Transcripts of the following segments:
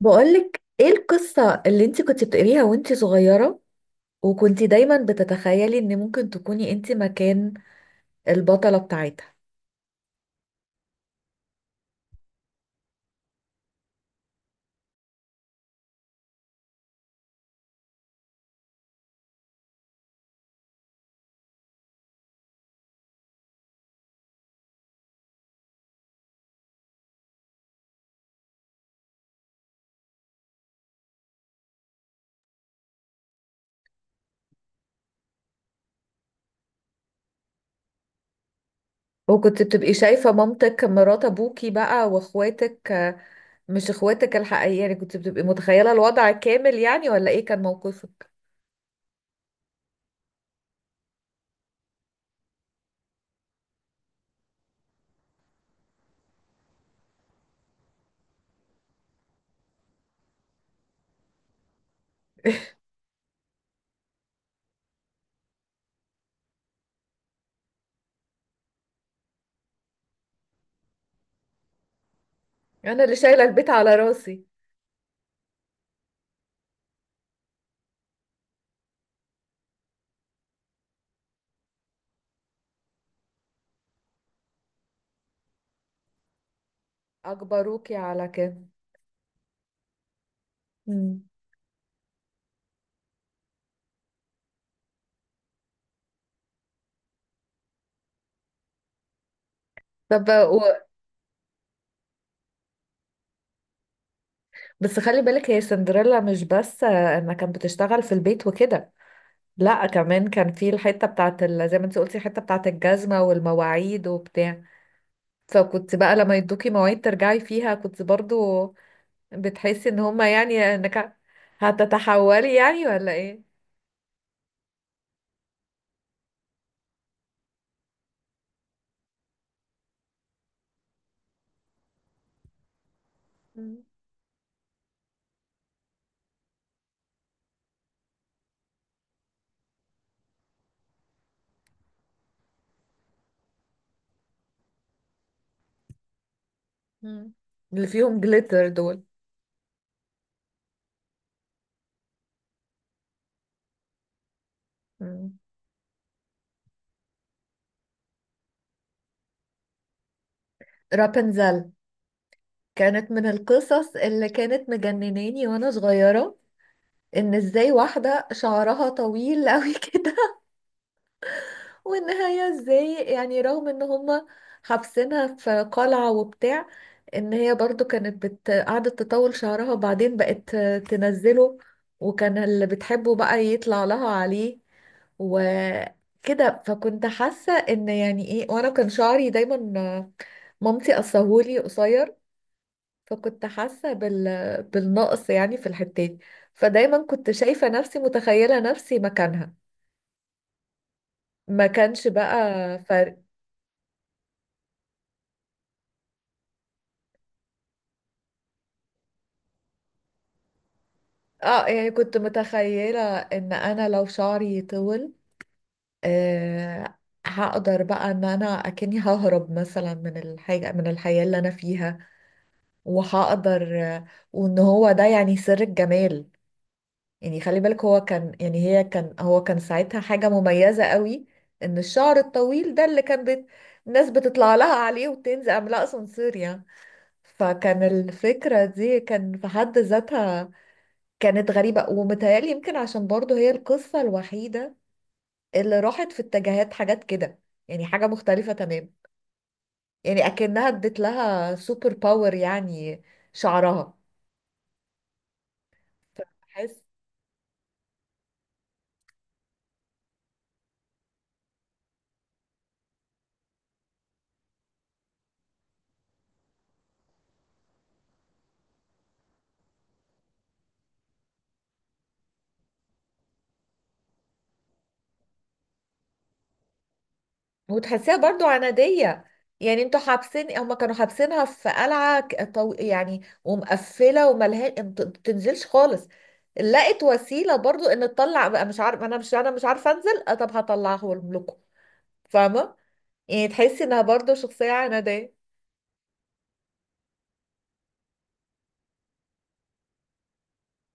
بقولك ايه القصة اللي انت كنت بتقريها وانت صغيرة، وكنت دايما بتتخيلي ان ممكن تكوني انت مكان البطلة بتاعتها؟ وكنت بتبقي شايفة مامتك مرات ابوكي بقى واخواتك، مش اخواتك الحقيقية يعني؟ كنت بتبقي متخيلة الوضع كامل يعني، ولا ايه كان موقفك؟ انا اللي شايلة البيت على راسي. اجبروكي على كده؟ مم. طب بس خلي بالك هي سندريلا مش بس انها كانت بتشتغل في البيت وكده. لا، كمان كان في الحتة بتاعت زي ما انت قلتي الحتة بتاعت الجزمة والمواعيد وبتاع. فكنت بقى لما يدوكي مواعيد ترجعي فيها كنت برضو بتحسي ان هما، يعني انك هتتحولي يعني، ولا ايه؟ مم. مم. اللي فيهم جليتر دول. مم. رابنزل كانت من القصص اللي كانت مجنناني وانا صغيرة. ان ازاي واحدة شعرها طويل قوي كده، والنهاية ازاي، يعني رغم ان هما حابسينها في قلعة وبتاع، ان هي برضو قعدت تطول شعرها، وبعدين بقت تنزله، وكان اللي بتحبه بقى يطلع لها عليه وكده. فكنت حاسة ان يعني ايه، وانا كان شعري دايما مامتي قصاهولي قصير، فكنت حاسة بالنقص يعني في الحتة دي. فدايما كنت شايفة نفسي متخيلة نفسي مكانها. ما كانش بقى فرق. اه يعني كنت متخيلة ان انا لو شعري طول، آه هقدر بقى ان انا اكني ههرب مثلا من الحاجة من الحياة اللي انا فيها، وهقدر، وان هو ده يعني سر الجمال. يعني خلي بالك، هو كان يعني هي كان هو كان ساعتها حاجة مميزة قوي، ان الشعر الطويل ده الناس بتطلع لها عليه وتنزل عاملاه اسانسير يعني. فكان الفكرة دي كان في حد ذاتها كانت غريبة، ومتهيألي يمكن عشان برضه هي القصة الوحيدة اللي راحت في اتجاهات حاجات كده، يعني حاجة مختلفة تمام، يعني أكنها ادت لها سوبر باور يعني شعرها. فبحس. وتحسيها برضه عنادية، يعني انتوا حابسين هما كانوا حابسينها في قلعة يعني، ومقفلة وملهاش، ما بتنزلش خالص. لقت وسيلة برضو ان تطلع بقى. مش عارف انا مش انا مش عارفة انزل، طب هطلعه لكم. فاهمة؟ يعني تحسي انها برضو شخصية عنادية.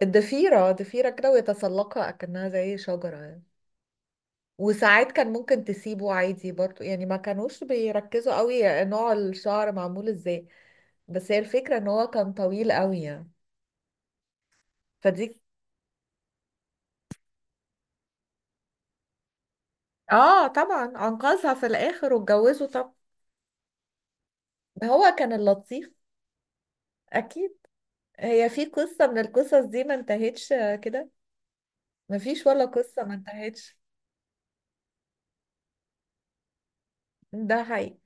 الضفيرة ضفيرة كده ويتسلقها أكنها زي شجرة يعني. وساعات كان ممكن تسيبه عادي برضو يعني، ما كانوش بيركزوا قوي نوع الشعر معمول ازاي. بس هي الفكرة ان هو كان طويل قوي يعني. فدي. اه طبعا انقذها في الاخر واتجوزوا. طب هو كان اللطيف. اكيد. هي في قصة من القصص دي ما انتهتش كده؟ ما فيش ولا قصة ما انتهتش. ده حقيقي.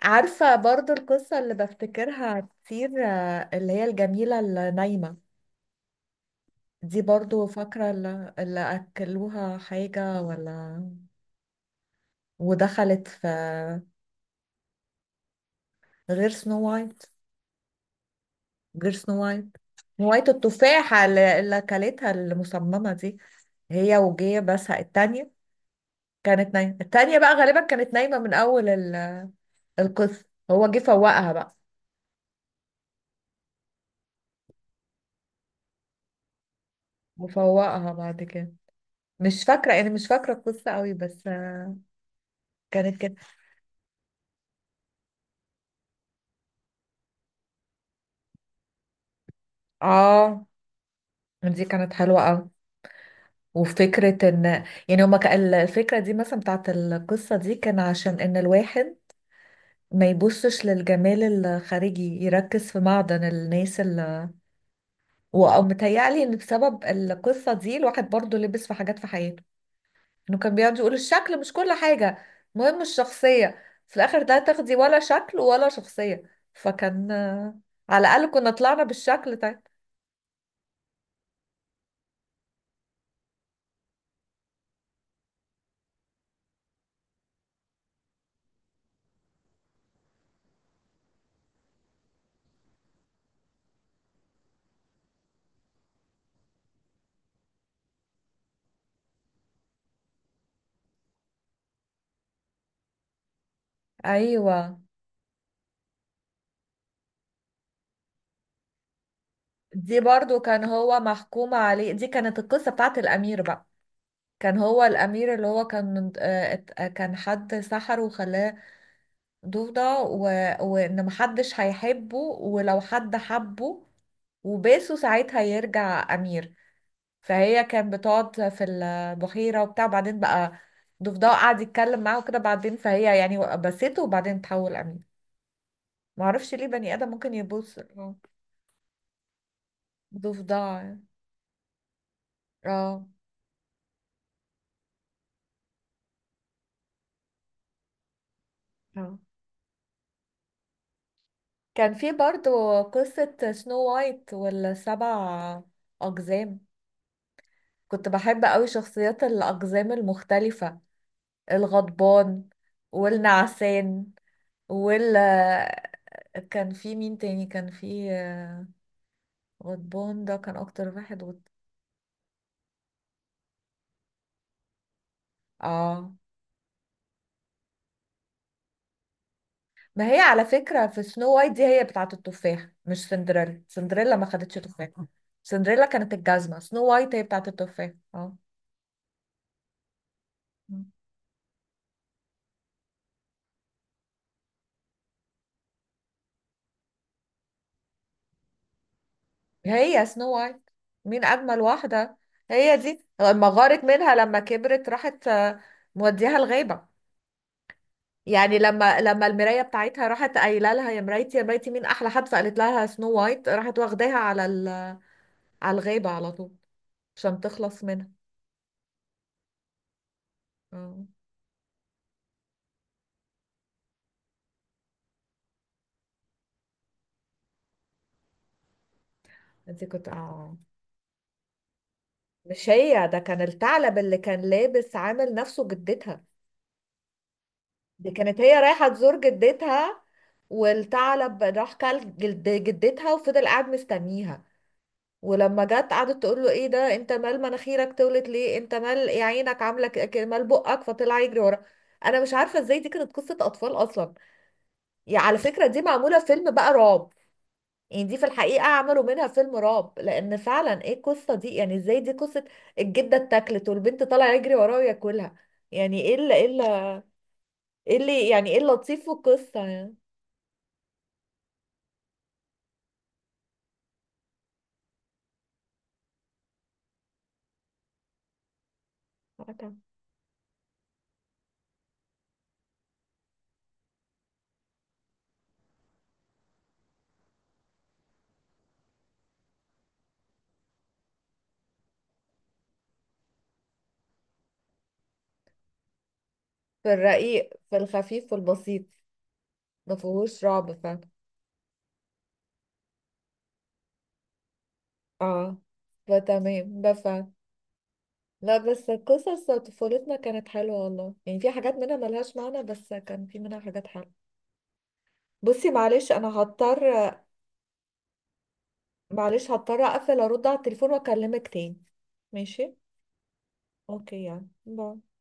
عارفة برضو القصة اللي بفتكرها كتير، اللي هي الجميلة النايمة. دي برضو فاكرة اللي أكلوها حاجة ولا. ودخلت في. غير سنو وايت. غير سنو وايت. وايت، التفاحة اللي أكلتها المصممة دي، هي وجية. بس التانية كانت نايمة. التانية بقى غالبا كانت نايمة من القصة. هو جه فوقها بقى. وفوقها بعد كده. مش فاكرة، يعني مش فاكرة القصة قوي، بس كانت كده. اه دي كانت حلوة قوي. وفكرة ان، يعني هما كان الفكرة دي مثلا بتاعت القصة دي كان عشان ان الواحد ما يبصش للجمال الخارجي، يركز في معدن الناس اللي ومتهيألي ان بسبب القصة دي الواحد برضو لبس في حاجات في حياته، انه كان بيقعد يقول الشكل مش كل حاجة. مهم الشخصية في الاخر، ده تاخدي ولا شكل ولا شخصية، فكان، على الاقل كنا طلعنا بالشكل طيب. ايوه، دي برضو كان هو محكوم عليه. دي كانت القصة بتاعت الامير بقى. كان هو الأمير، اللي هو كان من- آه، ات- آه، كان حد سحره وخلاه ضفدع، وإن محدش هيحبه، ولو حد حبه وباسه ساعتها يرجع أمير. فهي كان بتقعد في البحيرة وبتاع، بعدين بقى ضفدع قعد يتكلم معاه وكده، بعدين فهي يعني بسته، وبعدين تحول أمير. معرفش ليه بني آدم ممكن يبوس ضفدع. اه. اه. كان في برضو قصة سنو وايت والسبع أقزام. كنت بحب قوي شخصيات الأقزام المختلفة. الغضبان، والنعسان، وال. كان في مين تاني؟ كان في غضبان ده كان أكتر واحد اه. ما هي على فكرة في سنو وايت دي هي بتاعة التفاح مش سندريلا. سندريلا ما خدتش تفاح. سندريلا كانت الجزمة، سنو وايت هي بتاعة التفاح. اه. هي سنو وايت مين أجمل واحدة. هي دي لما غارت منها لما كبرت راحت، موديها الغابة. يعني لما المرايه بتاعتها راحت قايله لها يا مرايتي يا مرايتي مين احلى حد، فقالت لها سنو وايت، راحت واخداها على على الغابه على طول عشان تخلص منها. اه. انت كنت. اه مش، هي ده كان الثعلب اللي كان لابس عامل نفسه جدتها. دي كانت هي رايحه تزور جدتها، والثعلب راح كل جلد جدتها وفضل قاعد مستنيها. ولما جت قعدت تقول له ايه ده، انت مال مناخيرك تولت ليه، انت مال يا عينك عامله مال بقك، فطلع يجري ورا. انا مش عارفه ازاي دي كانت قصه اطفال اصلا. يعني على فكره دي معموله فيلم بقى رعب، يعني دي في الحقيقه عملوا منها فيلم رعب، لان فعلا ايه القصه دي، يعني ازاي دي قصه الجده اتاكلت والبنت طالعه يجري وراها وياكلها. يعني ايه اللي يعني ايه اللطيف في القصه يعني؟ في الرقيق في الخفيف في البسيط، ما فيهوش رعب فعلا. اه فتمام، بفهم. لا بس قصص طفولتنا كانت حلوة والله، يعني في حاجات منها ملهاش معنى، بس كان في منها حاجات حلوة. بصي معلش انا هضطر. معلش هضطر اقفل ارد على التليفون، واكلمك تاني. ماشي. اوكي يعني باي.